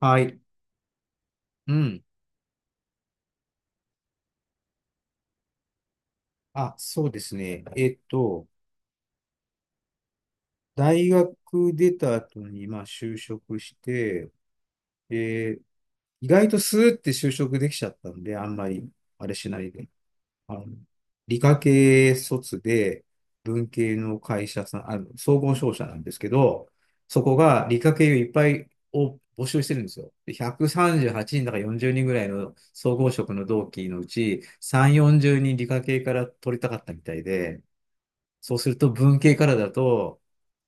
はい。うん。あ、そうですね。大学出た後に、まあ、就職して、え意外とスーって就職できちゃったんで、あんまり、あれしないで。あの、理科系卒で、文系の会社さん、総合商社なんですけど、そこが理科系をいっぱいを募集してるんですよ。で、138人だか40人ぐらいの総合職の同期のうち、3、40人理科系から取りたかったみたいで、そうすると文系からだと、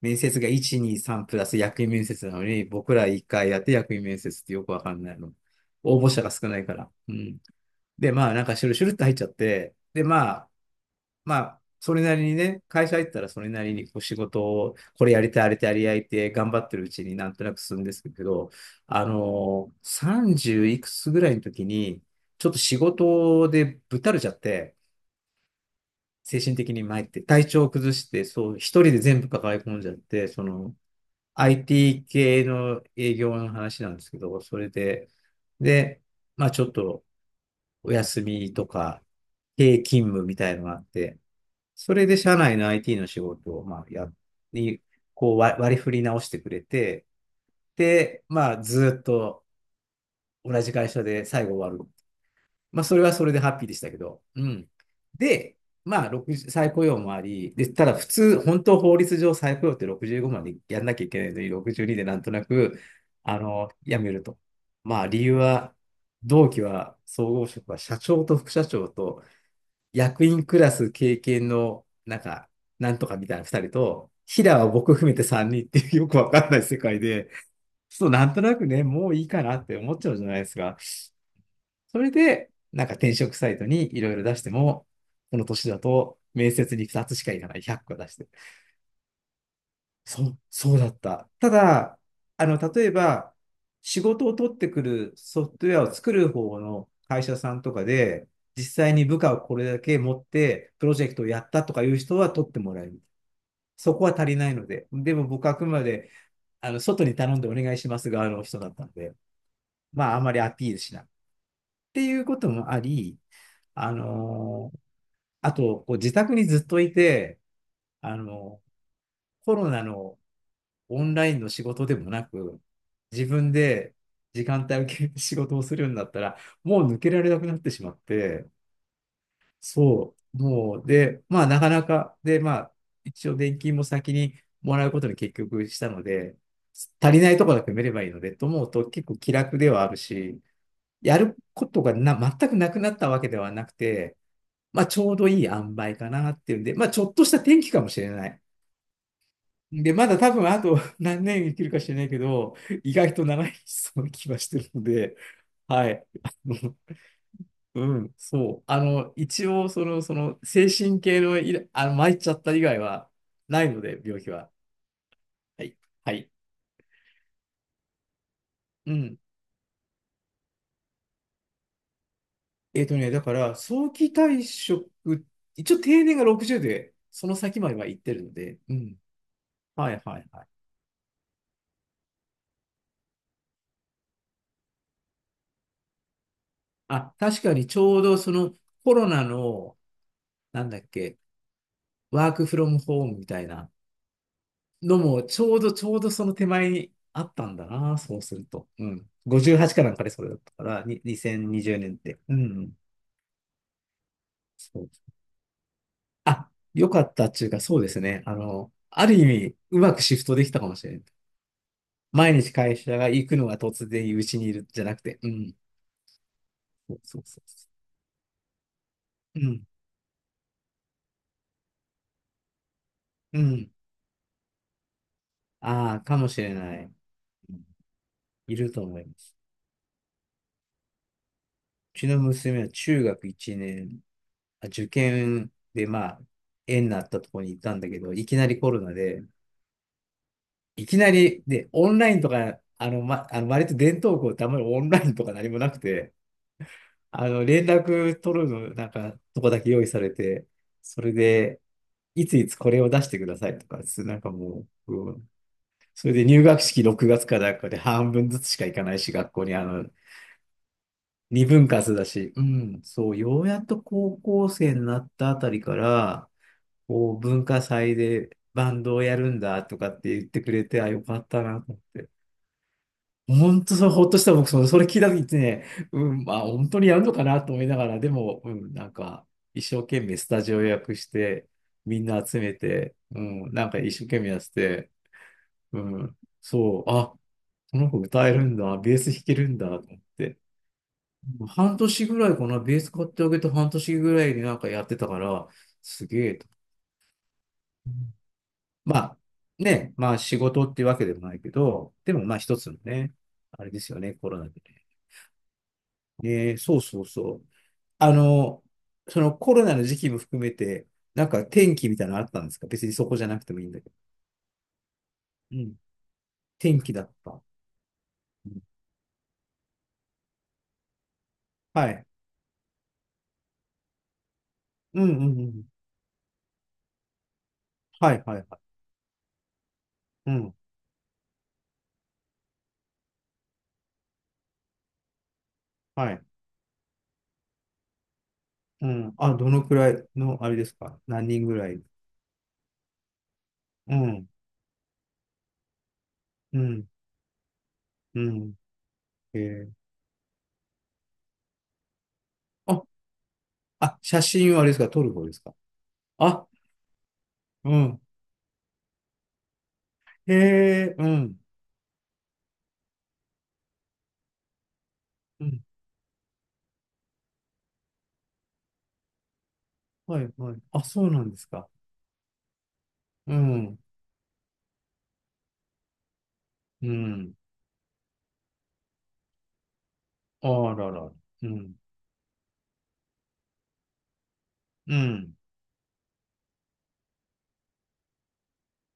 面接が1、2、3プラス役員面接なのに、僕ら1回やって役員面接ってよくわかんないの。応募者が少ないから。うん。で、まあなんかシュルシュルって入っちゃって、で、まあ、それなりにね、会社入ったらそれなりにこう仕事を、これやりたい、あれやりたいって頑張ってるうちになんとなく進むんですけど、あのー、30いくつぐらいの時に、ちょっと仕事でぶったれちゃって、精神的に参って、体調を崩して、そう、一人で全部抱え込んじゃって、その、IT 系の営業の話なんですけど、それで、で、まあちょっとお休みとか、経勤務みたいのがあって、それで社内の IT の仕事を、まあ、に、こう割り振り直してくれて、で、まあずっと同じ会社で最後終わる。まあ、それはそれでハッピーでしたけど。うん。で、まあ、60再雇用もあり、で、ただ普通、本当法律上再雇用って65までやんなきゃいけないのに、62でなんとなく、辞めると。まあ、理由は、同期は、総合職は社長と副社長と、役員クラス経験の、なんか、なんとかみたいな2人と、平は僕含めて3人っていうよくわかんない世界で、ちょっとなんとなくね、もういいかなって思っちゃうじゃないですか。それで、なんか転職サイトにいろいろ出しても、この年だと面接に2つしかいかない、100個出して。そう、そうだった。ただ、例えば、仕事を取ってくるソフトウェアを作る方の会社さんとかで、実際に部下をこれだけ持って、プロジェクトをやったとかいう人は取ってもらえる。そこは足りないので。でも僕はあくまで、外に頼んでお願いします側の人だったので、まあ、あんまりアピールしない。っていうこともあり、あのーあと、こう自宅にずっといて、あの、コロナのオンラインの仕事でもなく、自分で時間帯を決めて仕事をするんだったら、もう抜けられなくなってしまって、そう、もう、で、まあ、なかなか、で、まあ、一応、年金も先にもらうことに結局したので、足りないところだけ埋めればいいので、と思うと結構気楽ではあるし、やることがな全くなくなったわけではなくて、まあ、ちょうどいい塩梅かなっていうんで、まあ、ちょっとした転機かもしれない。で、まだ多分あと何年生きるか知れないけど、意外と長いそうな気はしてるので、はい。うん、そう。あの、一応、精神系の参っちゃった以外はないので、病気は。はい。はい。うん。ね、だから、早期退職、一応定年が60で、その先までは行ってるので、うん。はいはいはい。あ、確かにちょうどそのコロナの、なんだっけ、ワークフロムホームみたいなのも、ちょうどその手前にあったんだな、そうすると。うん。58かなんかでそれだったから、に2020年って。うん。そう。あ、よかったっていうか、そうですね。ある意味、うまくシフトできたかもしれない。毎日会社が行くのが突然うちにいるじゃなくて、うん。そうそうそうそう。うん。うん。ああ、かもしれない。うんいると思います。ちの娘は中学1年、あ受験でまあ、縁になったところに行ったんだけど、いきなりコロナで、いきなり、で、オンラインとか、あの、ま、あの割と伝統校ってあんまりオンラインとか何もなくて、連絡取るの、なんか、とこだけ用意されて、それで、いついつこれを出してくださいとか、なんかもう、うんそれで入学式6月かなんかで半分ずつしか行かないし、学校に二分割だし、うん、そう、ようやっと高校生になったあたりから、こう、文化祭でバンドをやるんだとかって言ってくれて、あ、よかったなと思って。本当それ、ほっとした僕、それ聞いた時ってね、うん、まあ、本当にやるのかなと思いながら、でも、うん、なんか、一生懸命スタジオ予約して、みんな集めて、うん、なんか一生懸命やってて、うん、そう、あ、この子歌えるんだ、ベース弾けるんだ、と思って。半年ぐらいかな、ベース買ってあげて半年ぐらいでなんかやってたから、すげえと。まあ、ね、まあ仕事ってわけでもないけど、でもまあ一つのね、あれですよね、コロナでね。ね、そうそうそう。あの、そのコロナの時期も含めて、なんか天気みたいなのあったんですか別にそこじゃなくてもいいんだけど。うん。天気だった。うんはい。うんうんうん。はいはいはい。うん。はい。うん。あ、どのくらいの、あれですか何人ぐらいうん。うん。うん。ええ。あ、あ、写真はあれですか、撮る方ですか。あ、うん。へえ、うん。うん。はい、はい。あ、そうなんですか。うん。うん。あらら。うん。うん。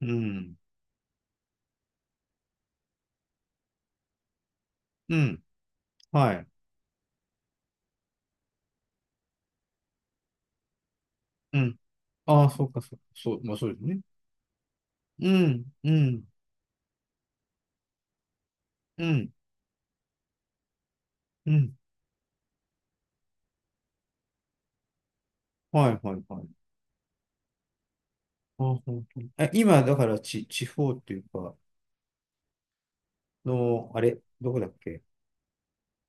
うん。うん。はい。うん。ああ、そうか、そう、そう、まあそうですね。うん。うん。うん。うん。はい、はい、はい。ああ、本当に。え、今、だから、ち、地方っていうか、の、あれ、どこだっけ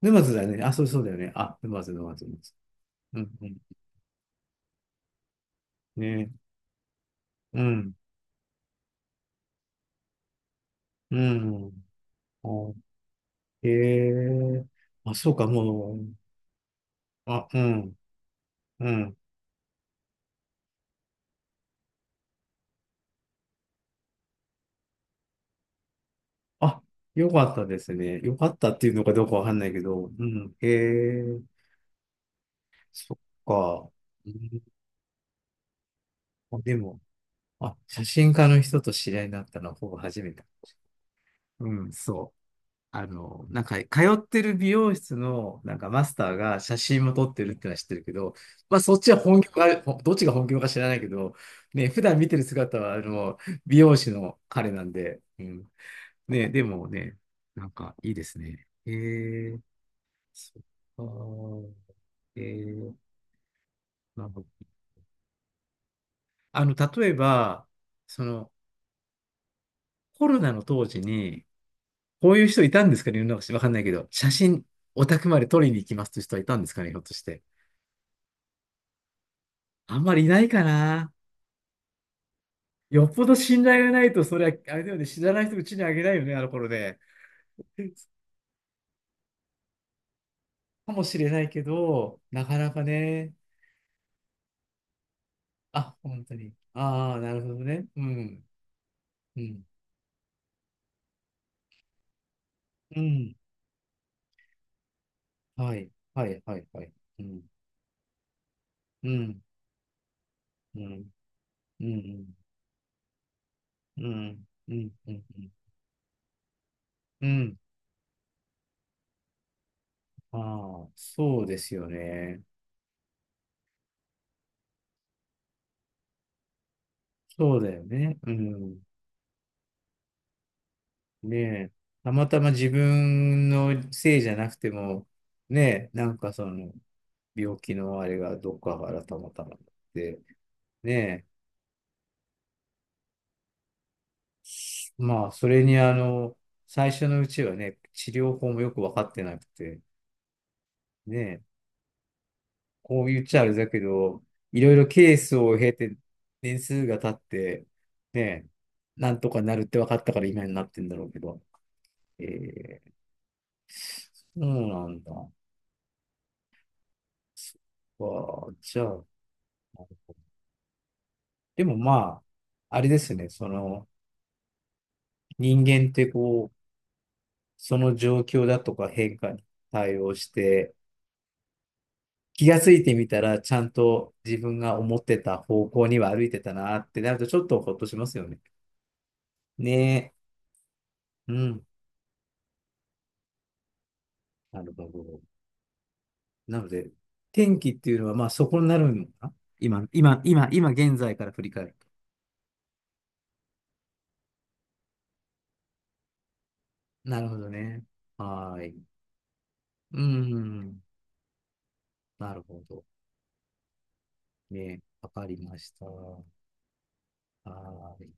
沼津だよね。あ、そう、そうだよね。あ、沼津、沼津、沼津。うん、うん。ねえうん、うん。おへえ。あ、そうか、もう、あ、うん、うん。あ、よかったですね。よかったっていうのかどうかわかんないけど、うん、へえ、そっか。うん、あでも、あ、写真家の人と知り合いになったのはほぼ初めて。うん、そう。なんか、通ってる美容室の、なんかマスターが写真も撮ってるってのは知ってるけど、まあ、そっちは本業がほどっちが本業か知らないけど、ね、普段見てる姿は、美容師の彼なんで、うん。ね、でもね、なんか、いいですね。えー、そっか。えー、なるほど。例えば、その、コロナの当時に、こういう人いたんですかね、世の中わかんないけど、写真、お宅まで撮りに行きますという人はいたんですかね、ひょっとして。あんまりいないかな。よっぽど信頼がないと、それは、あれだよね、知らない人うちにあげないよね、あの頃で。かもしれないけど、なかなかね。あ、本当に。ああ、なるほどね。うん。うん。うん。はい。はい。はい。はい。うん。うん。うん。うん。うん。うん。うん。うん。ああー、そうですよね。そうだよね。うん。ねえ、たまたま自分のせいじゃなくても、ねえ、なんかその、病気のあれがどっかからたまたまで、ねえ、まあ、それに最初のうちはね、治療法もよく分かってなくて、ねえ、こう言っちゃあれだけど、いろいろケースを経て、年数が経って、ねえ、なんとかなるって分かったから今になってんだろうけど、ええ、そうなんだ。わあ、じゃあ、でもまあ、あれですね、その人間ってこう、その状況だとか変化に対応して、気がついてみたら、ちゃんと自分が思ってた方向には歩いてたなってなると、ちょっとほっとしますよね。ねえ。うん。なるほど。なので、天気っていうのは、まあそこになるのかな今、今現在から振り返ると。なるほどね。はーい。うん。なるほど。ねえ、わかりました。はーい。